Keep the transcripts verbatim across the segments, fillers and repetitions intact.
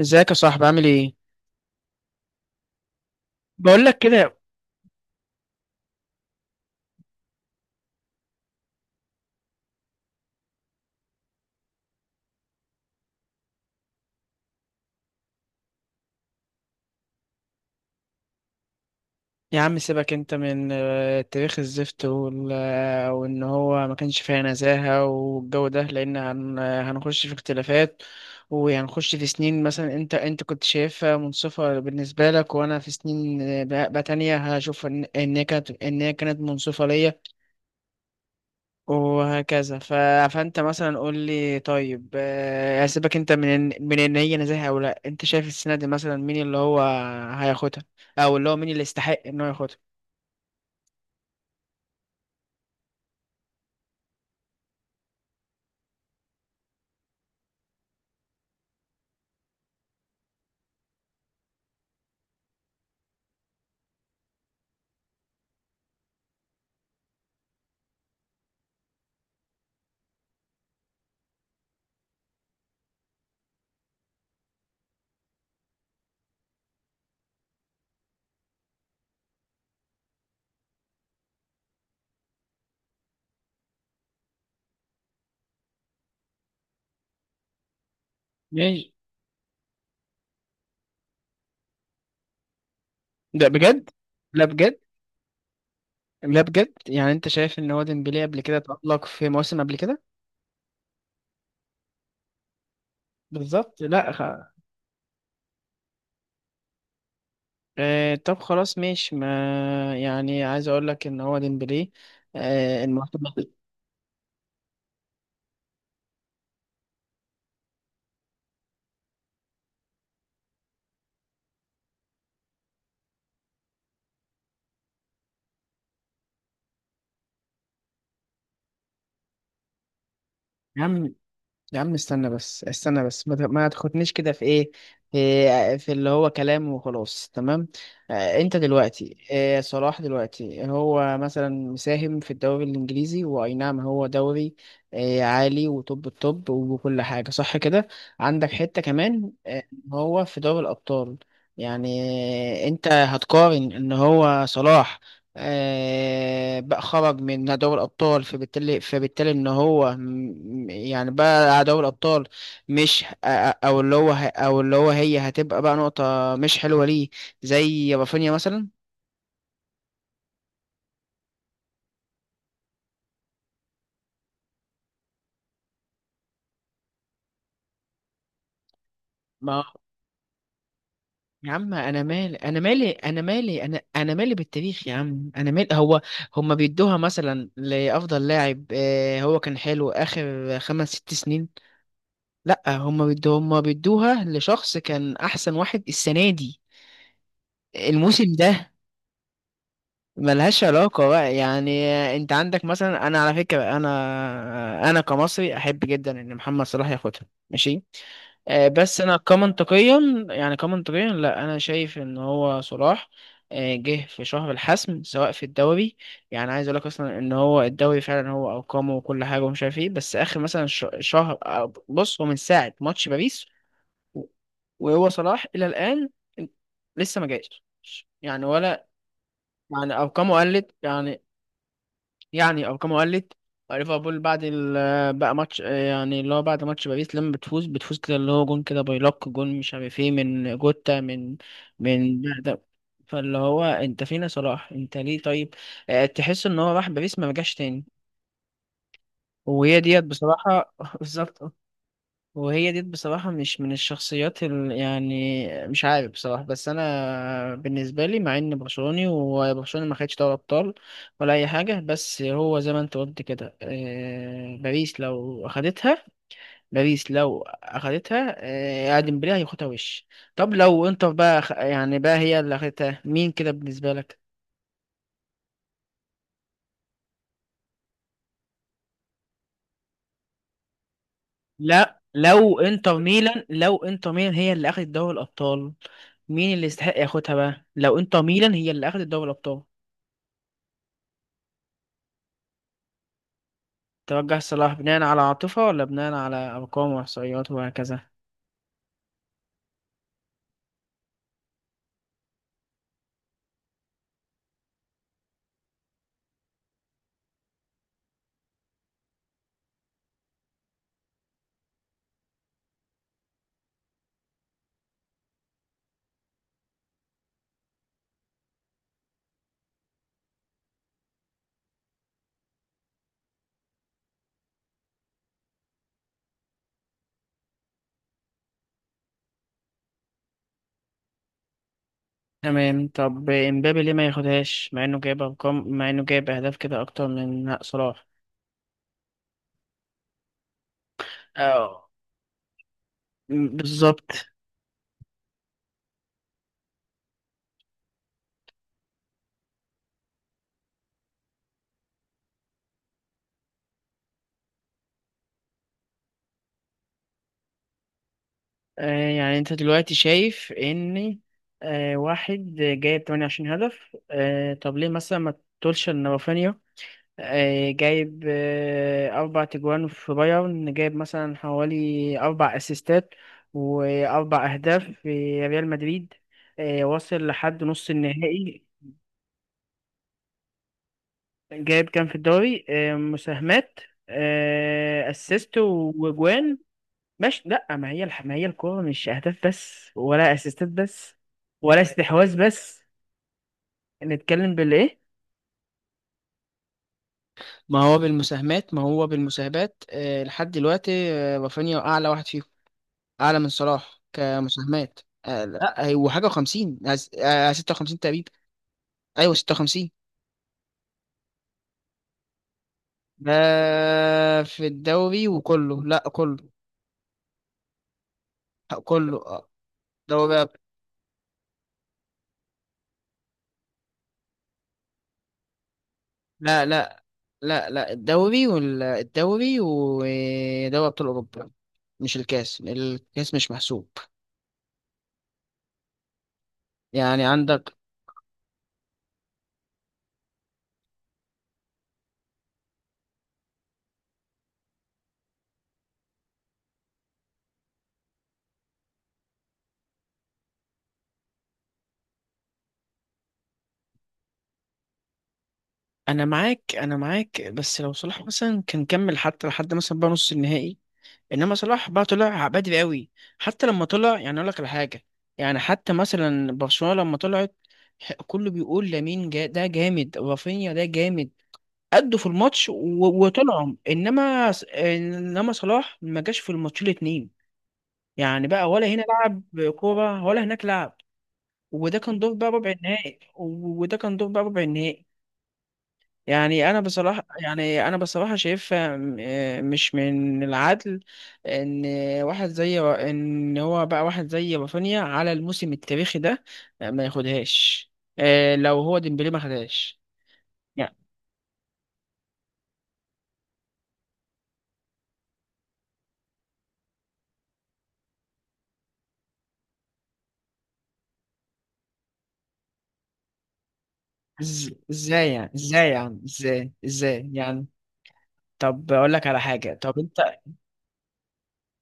ازيك يا صاحبي، عامل ايه؟ بقول لك كده. يا عم سيبك انت من آه، تاريخ الزفت وال- وان هو ما كانش فيها نزاهة والجو ده، لان هن- هنخش في اختلافات، وهنخش في سنين. مثلا انت انت كنت شايفها منصفة بالنسبة لك، وانا في سنين آه، بقى بقى تانية هشوف ان إن هي كانت ان هي كانت منصفة ليا، وهكذا. ف... فانت مثلا قول لي. طيب آه، هسيبك انت من إن- من ان هي نزاهه او لا، انت شايف السنه دي مثلا مين اللي هو هياخدها؟ او اللي هو مين اللي يستحق ان هو ياخدها؟ ماشي. ده بجد؟ لا بجد، لا بجد، يعني انت شايف ان هو ديمبلي قبل كده تألق في مواسم قبل كده؟ بالظبط. لا خ... آه، طب خلاص ماشي. ما يعني، عايز اقول لك ان هو ديمبلي آه المفروض. يا عم استنى بس، استنى بس، ما ت- ما تاخدنيش كده في ايه، في في اللي هو كلام وخلاص، تمام. آه، انت دلوقتي آه، صلاح دلوقتي هو مثلا مساهم في الدوري الانجليزي، واي نعم هو دوري آه، عالي، وطب الطب وكل حاجه صح كده. عندك حته كمان آه، هو في دوري الابطال؟ يعني آه، انت هتقارن ان هو صلاح آه، بقى خرج من دوري الأبطال، فبالتالي فبالتالي إن هو م- يعني بقى على دوري الأبطال، مش، أو اللي هو ه- أو اللي هو هي هتبقى بقى نقطة مش حلوة ليه؟ زي رافينيا مثلا. ما يا عم، أنا مالي، أنا مالي، أنا مالي، أنا أنا مالي بالتاريخ، يا عم أنا مالي. هو هما بيدوها مثلا لأفضل لاعب آه، هو كان حلو آخر خمس ست سنين؟ لأ، هما بيدوها، هما بيدوها لشخص كان أحسن واحد السنة دي، الموسم ده. ملهاش علاقة بقى يعني. انت عندك مثلا، انا على فكرة، انا انا كمصري احب جدا ان محمد صلاح ياخدها. ماشي. آه، بس انا كمنطقيا، يعني كمنطقيا، لا، انا شايف ان هو صلاح آه، جه في شهر الحسم، سواء في الدوري. يعني عايز اقول لك، اصلا ان هو الدوري فعلا هو ارقامه وكل حاجة ومش عارف ايه، بس اخر مثلا ش- شهر آه، بص، هو من ساعة ماتش باريس وهو صلاح الى الان لسه ما جاش يعني، ولا يعني ارقامه قلت، يعني يعني ارقامه قلت. ليفربول بعد ال- بقى ماتش، يعني اللي هو بعد ماتش باريس، لما بتفوز بتفوز كده اللي هو جون كده، باي لوك جون مش عارف ايه، من جوتا، من من ده ده. فاللي هو انت فينا صلاح، انت ليه طيب آه، تحس ان هو راح باريس ما رجعش تاني، وهي ديت بصراحة. بالظبط. وهي دي بصراحة مش من الشخصيات ال... يعني مش عارف بصراحة، بس أنا بالنسبة لي، مع إن برشلوني وبرشلونة ما خدش دوري أبطال ولا أي حاجة، بس هو زي ما أنت قلت كده آه، باريس لو أخدتها، باريس لو أخدتها آه، ديمبلي هياخدها، وش. طب لو إنتر بقى أخ- يعني بقى هي اللي أخدتها مين كده بالنسبة لك؟ لا لو إنتر ميلان، لو إنتر ميلان هي اللي أخدت دوري الأبطال. مين اللي يستحق ياخدها بقى؟ لو إنتر ميلان هي اللي أخدت دوري الأبطال. توجه صلاح بناء على عاطفة ولا بناء على أرقام وإحصائيات وهكذا؟ تمام. طب إمبابي ليه ما ياخدهاش مع إنه جايب أرقام، مع إنه جايب أهداف كده أكتر من صلاح؟ اه. م- بالظبط. آه، يعني أنت دلوقتي شايف إن آه واحد جايب تمانية وعشرين هدف، آه طب ليه مثلا ما تقولش إن رافينيا آه، جايب آه، أربع تجوان في بايرن، جايب مثلا حوالي أربع أسيستات وأربع أهداف في ريال مدريد، آه، وصل لحد نص النهائي؟ جايب كام في الدوري آه، مساهمات، آه، أسيست وجوان؟ مش، لأ، ما هي الح- ما هي الكورة مش أهداف بس ولا أسيستات بس ولا استحواذ بس. نتكلم بالإيه؟ ما هو بالمساهمات، ما هو بالمساهمات آه، لحد دلوقتي آه، رافينيا أعلى واحد فيهم، اعلى من صلاح كمساهمات. آه، لا، لا، ايوه، حاجه وخمسين، آه، ستة وخمسين تقريبا، ايوه ستة وخمسين. ده في الدوري وكله، لا كله. آه، كله آه، دوري أب- لا لا لا لا، الدوري والدوري ودوري ابطال اوروبا، مش الكاس، الكاس مش محسوب، يعني عندك. انا معاك، انا معاك، بس لو صلاح مثلا كان كمل حتى لحد مثلا بقى نص النهائي. انما صلاح بقى طلع بدري قوي، حتى لما طلع، يعني اقول لك على حاجه، يعني حتى مثلا برشلونه لما طلعت، ح- كله بيقول لامين جا ده جامد، رافينيا ده جامد، أدوا في الماتش و- وطلعوا، انما ص- انما صلاح ما جاش في الماتشين الاتنين، يعني بقى ولا هنا لعب كوره ولا هناك لعب، وده كان دور بقى ربع النهائي، و- وده كان دور بقى ربع النهائي. يعني انا بصراحه، يعني انا بصراحه شايفها م- آه، مش من العدل ان واحد زي ان هو بقى، واحد زي رافينيا على الموسم التاريخي ده آه، ما ياخدهاش آه، لو هو ديمبلي ما خدهاش يعني. إز- ازاي يعني؟ ازاي يعني؟ ازاي ازاي يعني؟ طب اقول لك على حاجه، طب انت.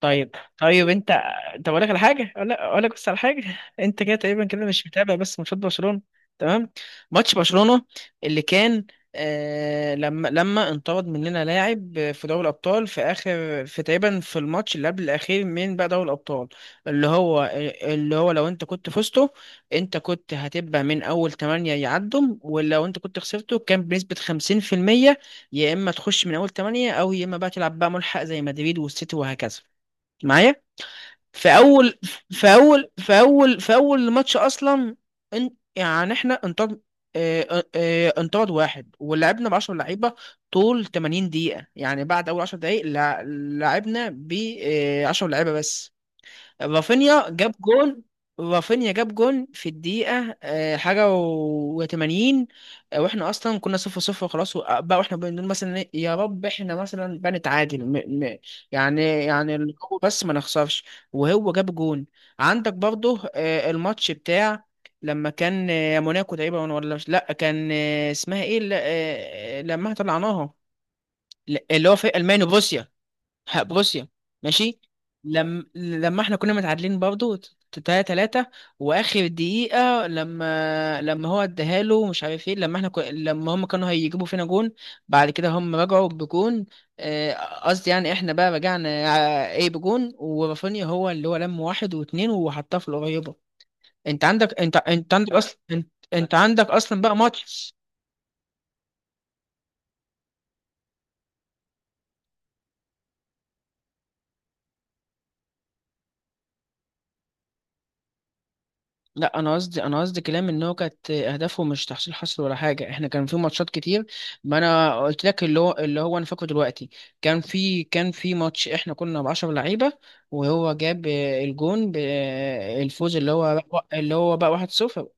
طيب، طيب انت. طب اقول لك على حاجه، اقول لك اقول لك بس على حاجه. انت كده تقريبا كده مش متابع بس ماتشات برشلونه. تمام. ماتش برشلونه اللي كان آه لما لما انطرد مننا لاعب في دوري الابطال في اخر، في تقريبا في الماتش اللي قبل الاخير من بقى دوري الابطال، اللي هو، اللي هو لو انت كنت فزته انت كنت هتبقى من اول ثمانية يعدم، ولو انت كنت خسرته كان بنسبه خمسين في المية، يا اما تخش من اول تمانية، او يا اما بقى تلعب بقى ملحق زي مدريد والسيتي وهكذا، معايا. في اول، في اول في اول في اول ماتش اصلا، ان يعني احنا انطرد، آه، آه، انطرد واحد ولعبنا ب عشرة لعيبه، طول ثمانين دقيقه يعني، بعد اول عشر دقائق لعبنا ب عشرة لعيبه بس. رافينيا جاب جون، رافينيا جاب جون في الدقيقة آه، حاجة و80، واحنا اصلا كنا صفر صفر خلاص بقى، واحنا بنقول مثلا إيه، يا رب احنا مثلا بنتعادل، م م يعني يعني اللي هو بس ما نخسرش، وهو جاب جون. عندك برضه آه، الماتش بتاع، لما كان آه، موناكو تقريبا، ولا، مش، لا كان آه، اسمها ايه ل- آه، آه، لما طلعناها اللي هو في المانيا، وبروسيا، ه- بروسيا، ماشي. لما لما احنا كنا متعادلين برضه تلاتة تلاتة، واخر دقيقة لما لما هو اداها له مش عارف ايه، لما احنا كو... لما هم كانوا هيجيبوا فينا جون، بعد كده هم رجعوا بجون آه، قصدي، يعني احنا بقى رجعنا آه، ايه بجون، ورافينيا هو اللي هو لم واحد واتنين وحطها في القريبة. انت عندك، انت انت عندك اصلا، انت، انت عندك اصلا بقى ماتش. لا انا قصدي، انا قصدي كلام ان هو كانت اهدافه مش تحصيل حصر ولا حاجه، احنا كان في ماتشات كتير. ما انا قلت لك اللي هو، اللي هو انا فاكره دلوقتي، كان في، كان في ماتش احنا كنا ب عشرة لعيبه، وهو جاب آه، الجون ب- آه، الفوز، اللي هو بقى، اللي هو بقى واحد صفر،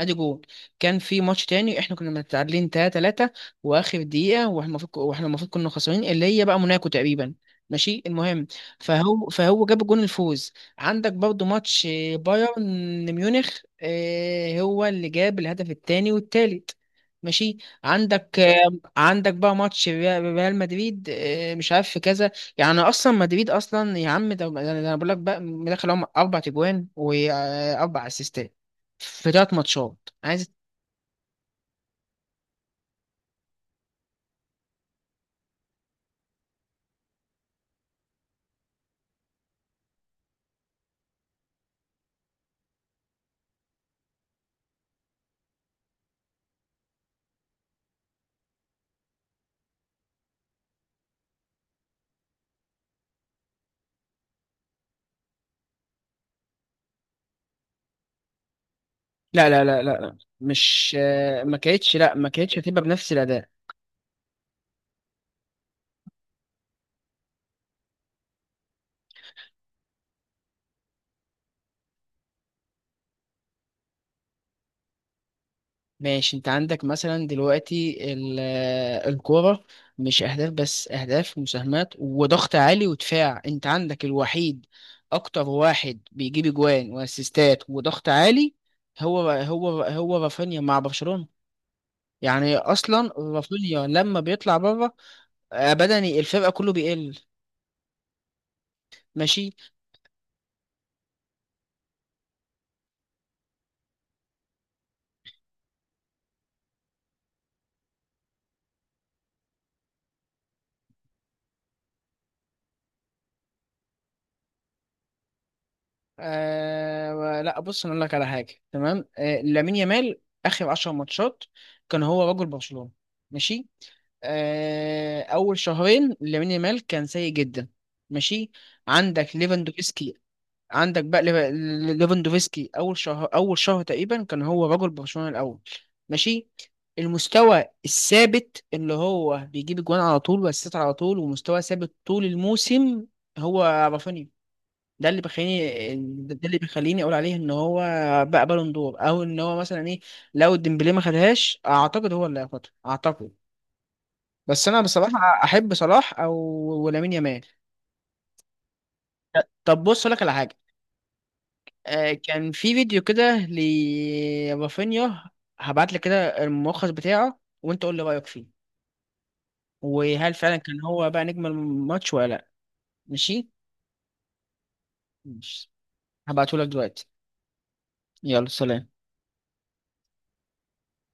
ادي جول. كان في ماتش تاني احنا كنا متعادلين تلاتة تلاتة، واخر دقيقه، واحنا المفروض، واحنا المفروض كنا خسرانين اللي هي بقى موناكو تقريبا، ماشي المهم، فهو فهو جاب جون الفوز. عندك برضو ماتش آه، بايرن ميونخ، آه، هو اللي جاب الهدف التاني والتالت، ماشي. عندك، آه، عندك بقى ماتش ريا- ريال مدريد، آه، مش عارف في كذا. يعني اصلا مدريد اصلا يا عم، ده ده انا بقول لك بقى مدخل، هم اربع تجوان واربع اسيستات في ثلاث ماتشات، عايز. لا لا لا لا لا. مش آه، ما كانتش، لا، ما كانتش هتبقى بنفس الاداء. ماشي. انت عندك مثلا دلوقتي ال- آه، الكوره مش اهداف بس، اهداف ومساهمات وضغط عالي ودفاع، انت عندك الوحيد، اكتر واحد بيجيب اجوان واسيستات وضغط عالي هو هو هو رافينيا مع برشلونة. يعني اصلا رافينيا لما بيطلع بره آه، بدني الفرقه كله بيقل، ماشي. آه لا، بص انا اقول لك على حاجه. تمام. آه لامين يامال اخر عشر ماتشات كان هو رجل برشلونه، ماشي. آه اول شهرين لامين يامال كان سيء جدا، ماشي. عندك ليفاندوفسكي، عندك بقى ليف- ليفاندوفسكي، اول شهر اول شهر تقريبا كان هو رجل برشلونه الاول، ماشي. المستوى الثابت اللي هو بيجيب جوان على طول، ويسيطر على طول، ومستوى ثابت طول الموسم، هو رافينيا. ده اللي بيخليني ده اللي بيخليني اقول عليه ان هو بقى بالون دور، او ان هو مثلا ايه. لو ديمبلي ما خدهاش، اعتقد هو اللي هياخدها اعتقد. بس انا بصراحه احب صلاح او ولامين يامال. طب بص لك على حاجه، آه، كان في فيديو كده لرافينيا، هبعت لك كده الملخص بتاعه، وانت قول لي رايك فيه، وهل فعلا كان هو بقى نجم الماتش ولا لا؟ ماشي. ماشي. هبعته لك دلوقتي. يلا سلام.